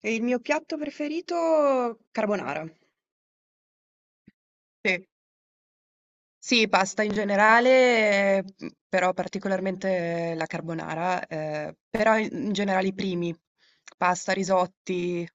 E il mio piatto preferito carbonara. Sì. Sì, pasta in generale, mhmm, però particolarmente la carbonara, però i in generale i primi, pasta, risotti.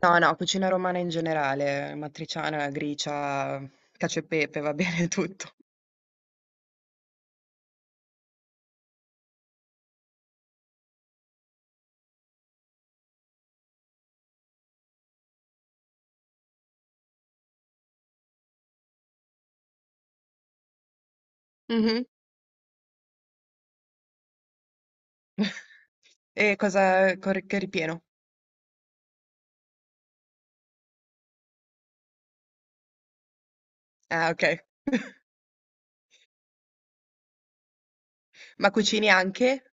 No, no, cucina romana in generale, matriciana, gricia, cacio e pepe, va bene tutto. Mh-mh. E cosa con che ripieno? Ah, okay. Ma cucini anche?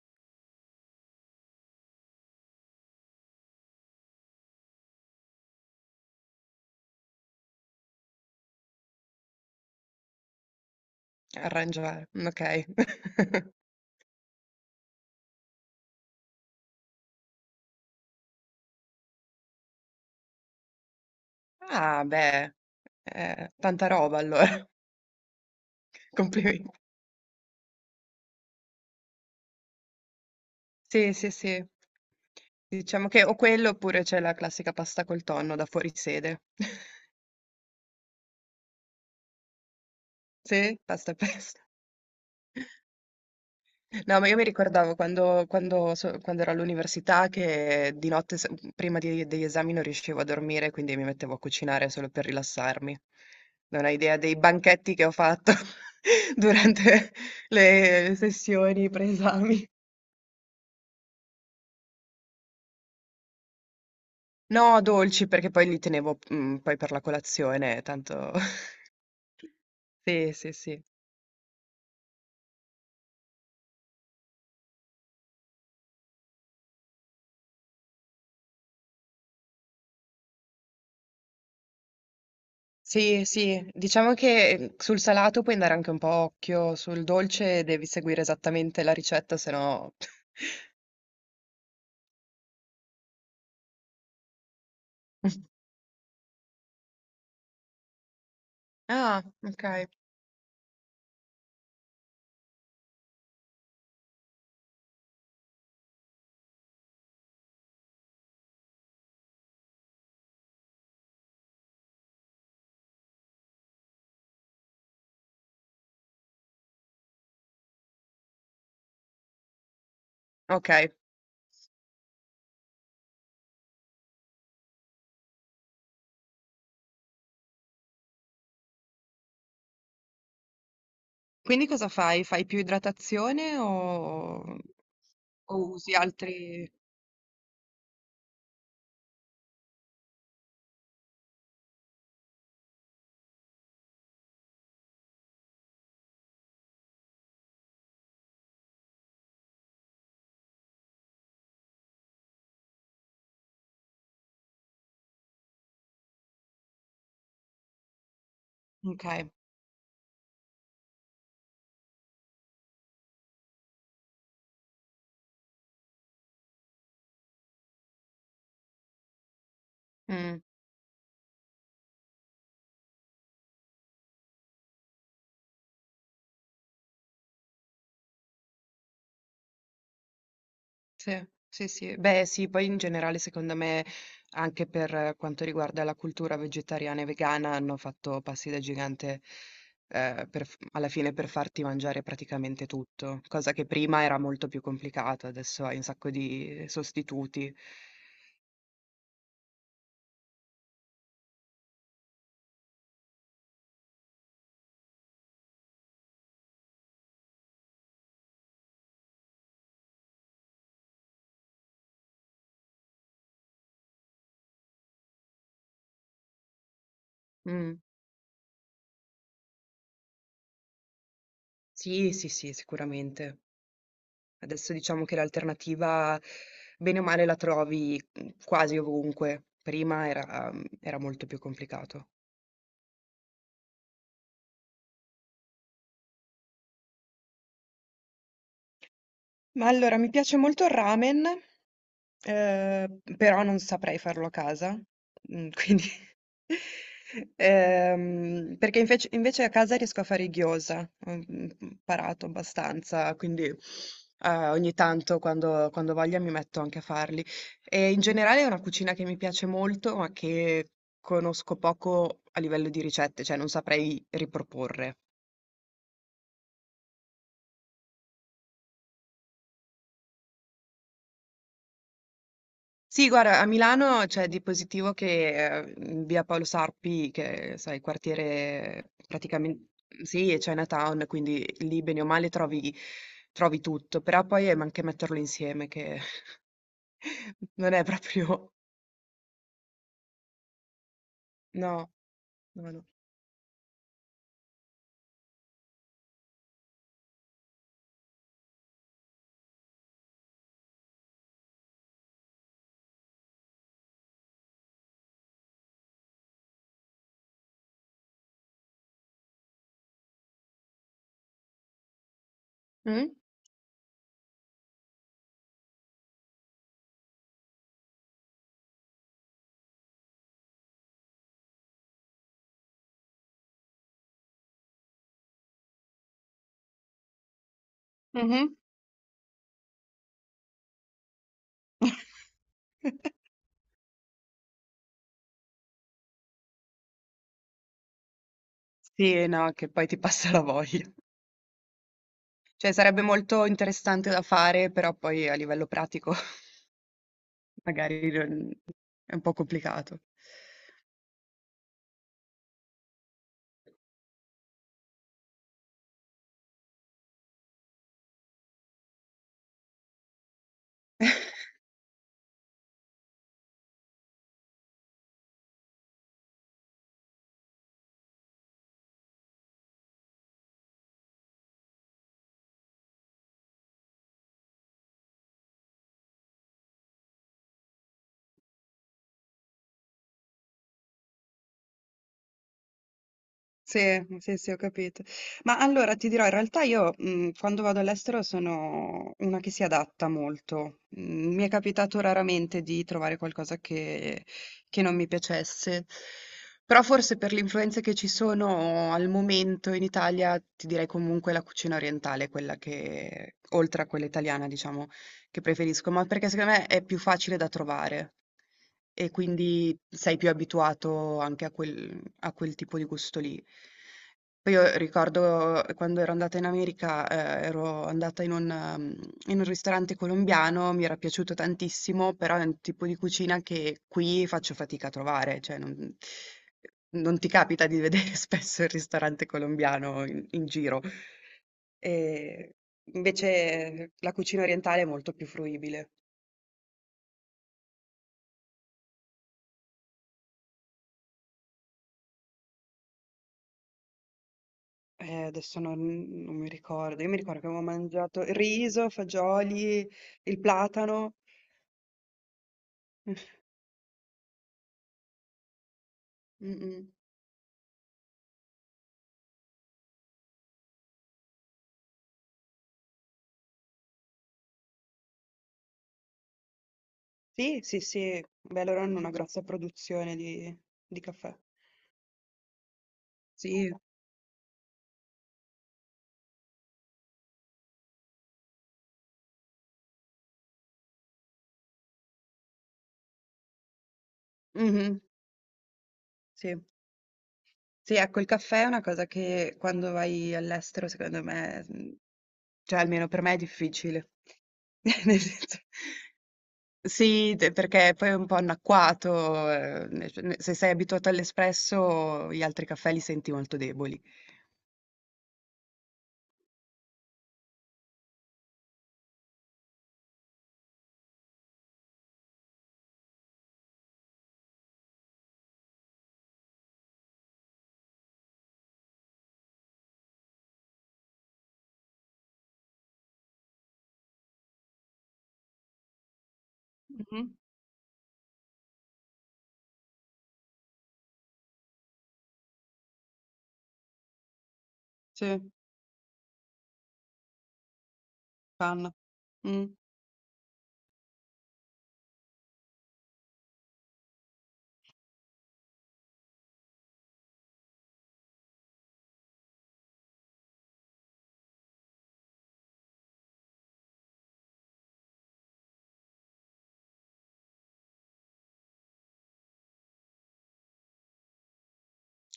Arrangiare, okay. Ah beh, tanta roba allora, complimenti. Sì, sì, sì. Diciamo che o quello oppure c'è la classica pasta col tonno da fuorisede. Sì, pasta e pesto. No, ma io mi ricordavo quando ero all'università che di notte, degli esami, non riuscivo a dormire, quindi mi mettevo a cucinare solo per rilassarmi. Non hai idea dei banchetti che ho fatto durante le sessioni pre-esami. No, dolci, perché poi li tenevo, mm, poi per la colazione, tanto... Sì, sì, sì. Sì, sì, diciamo che sul salato puoi andare anche un po' a occhio, sul dolce devi seguire esattamente la ricetta, se no... Ah, ok. Ok. Quindi cosa fai? Fai più idratazione o usi altri... Ok. Mm. Sì, sì, sì. Beh, sì, poi in generale secondo me anche per quanto riguarda la cultura vegetariana e vegana hanno fatto passi da gigante per alla fine per farti mangiare praticamente tutto, cosa che prima era molto più complicata, adesso hai un sacco di sostituti. Mm, sì, sì, sì, sicuramente. Adesso diciamo che l'alternativa, bene o male, la trovi mm, quasi ovunque. Prima era, era molto più complicato. Ma allora, mi piace molto il ramen. Però non saprei farlo a casa, mhmm, quindi perché invece a casa riesco a fare i gyoza, ho mhmm, imparato abbastanza, quindi, ogni tanto quando ho voglia mi metto anche a farli. E in generale è una cucina che mi piace molto, ma che conosco poco a livello di ricette, cioè non saprei riproporre. Sì, guarda, a Milano c'è di positivo che, in via Paolo Sarpi, che sai, quartiere praticamen sì, è Chinatown, quindi lì bene o male trovi, trovi tutto, però poi è anche metterlo insieme che non è proprio... No, no, no. Mm? Mhm. Sì, no, che poi ti passa la voglia. Cioè, sarebbe molto interessante da fare, però poi a livello pratico magari non- è un po' complicato. Sì, sì, sì, ho capito. Ma allora ti dirò, in realtà io, mhmm, quando vado all'estero sono una che si adatta molto. Mhmm, mi è capitato raramente di trovare qualcosa che non mi piacesse, però forse per le influenze che ci sono al momento in Italia, ti direi comunque la cucina orientale è quella che oltre a quella italiana diciamo, che preferisco, ma perché secondo me è più facile da trovare e quindi sei più abituato anche a quel ha quel tipo di gusto lì. Poi io ricordo quando ero andata in America, ero andata in un mhmm, in un ristorante colombiano, mi era piaciuto tantissimo, però è un tipo di cucina che qui faccio fatica a trovare, cioè non ti capita di vedere spesso il ristorante colombiano in giro. Ehm, Invece la cucina orientale è molto più fruibile. Adesso non mi ricordo. Io mi ricordo che avevo mangiato riso, fagioli, il platano. Mh, mh-mh. Sì, sì, sì. Beh, loro hanno una grossa produzione di caffè. Sì, mh-mh, sì. Sì, ecco, il caffè è una cosa che quando vai all'estero, secondo me, mhmm, cioè almeno per me è difficile. Nel senso sì, te perché poi è un po' annacquato, ne cioè ne se sei abituato all'espresso, gli altri caffè li senti molto deboli. Mh-mh. Sì, panna. Mh.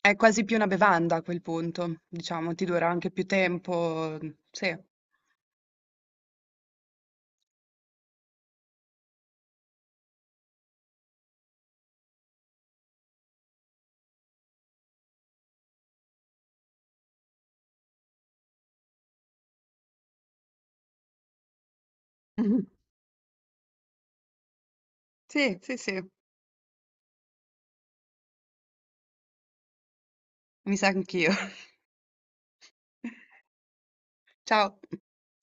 È quasi più una bevanda a quel punto, diciamo, ti dura anche più tempo. Sì. Sì, sì, sì, mi sa anch'io. Ciao.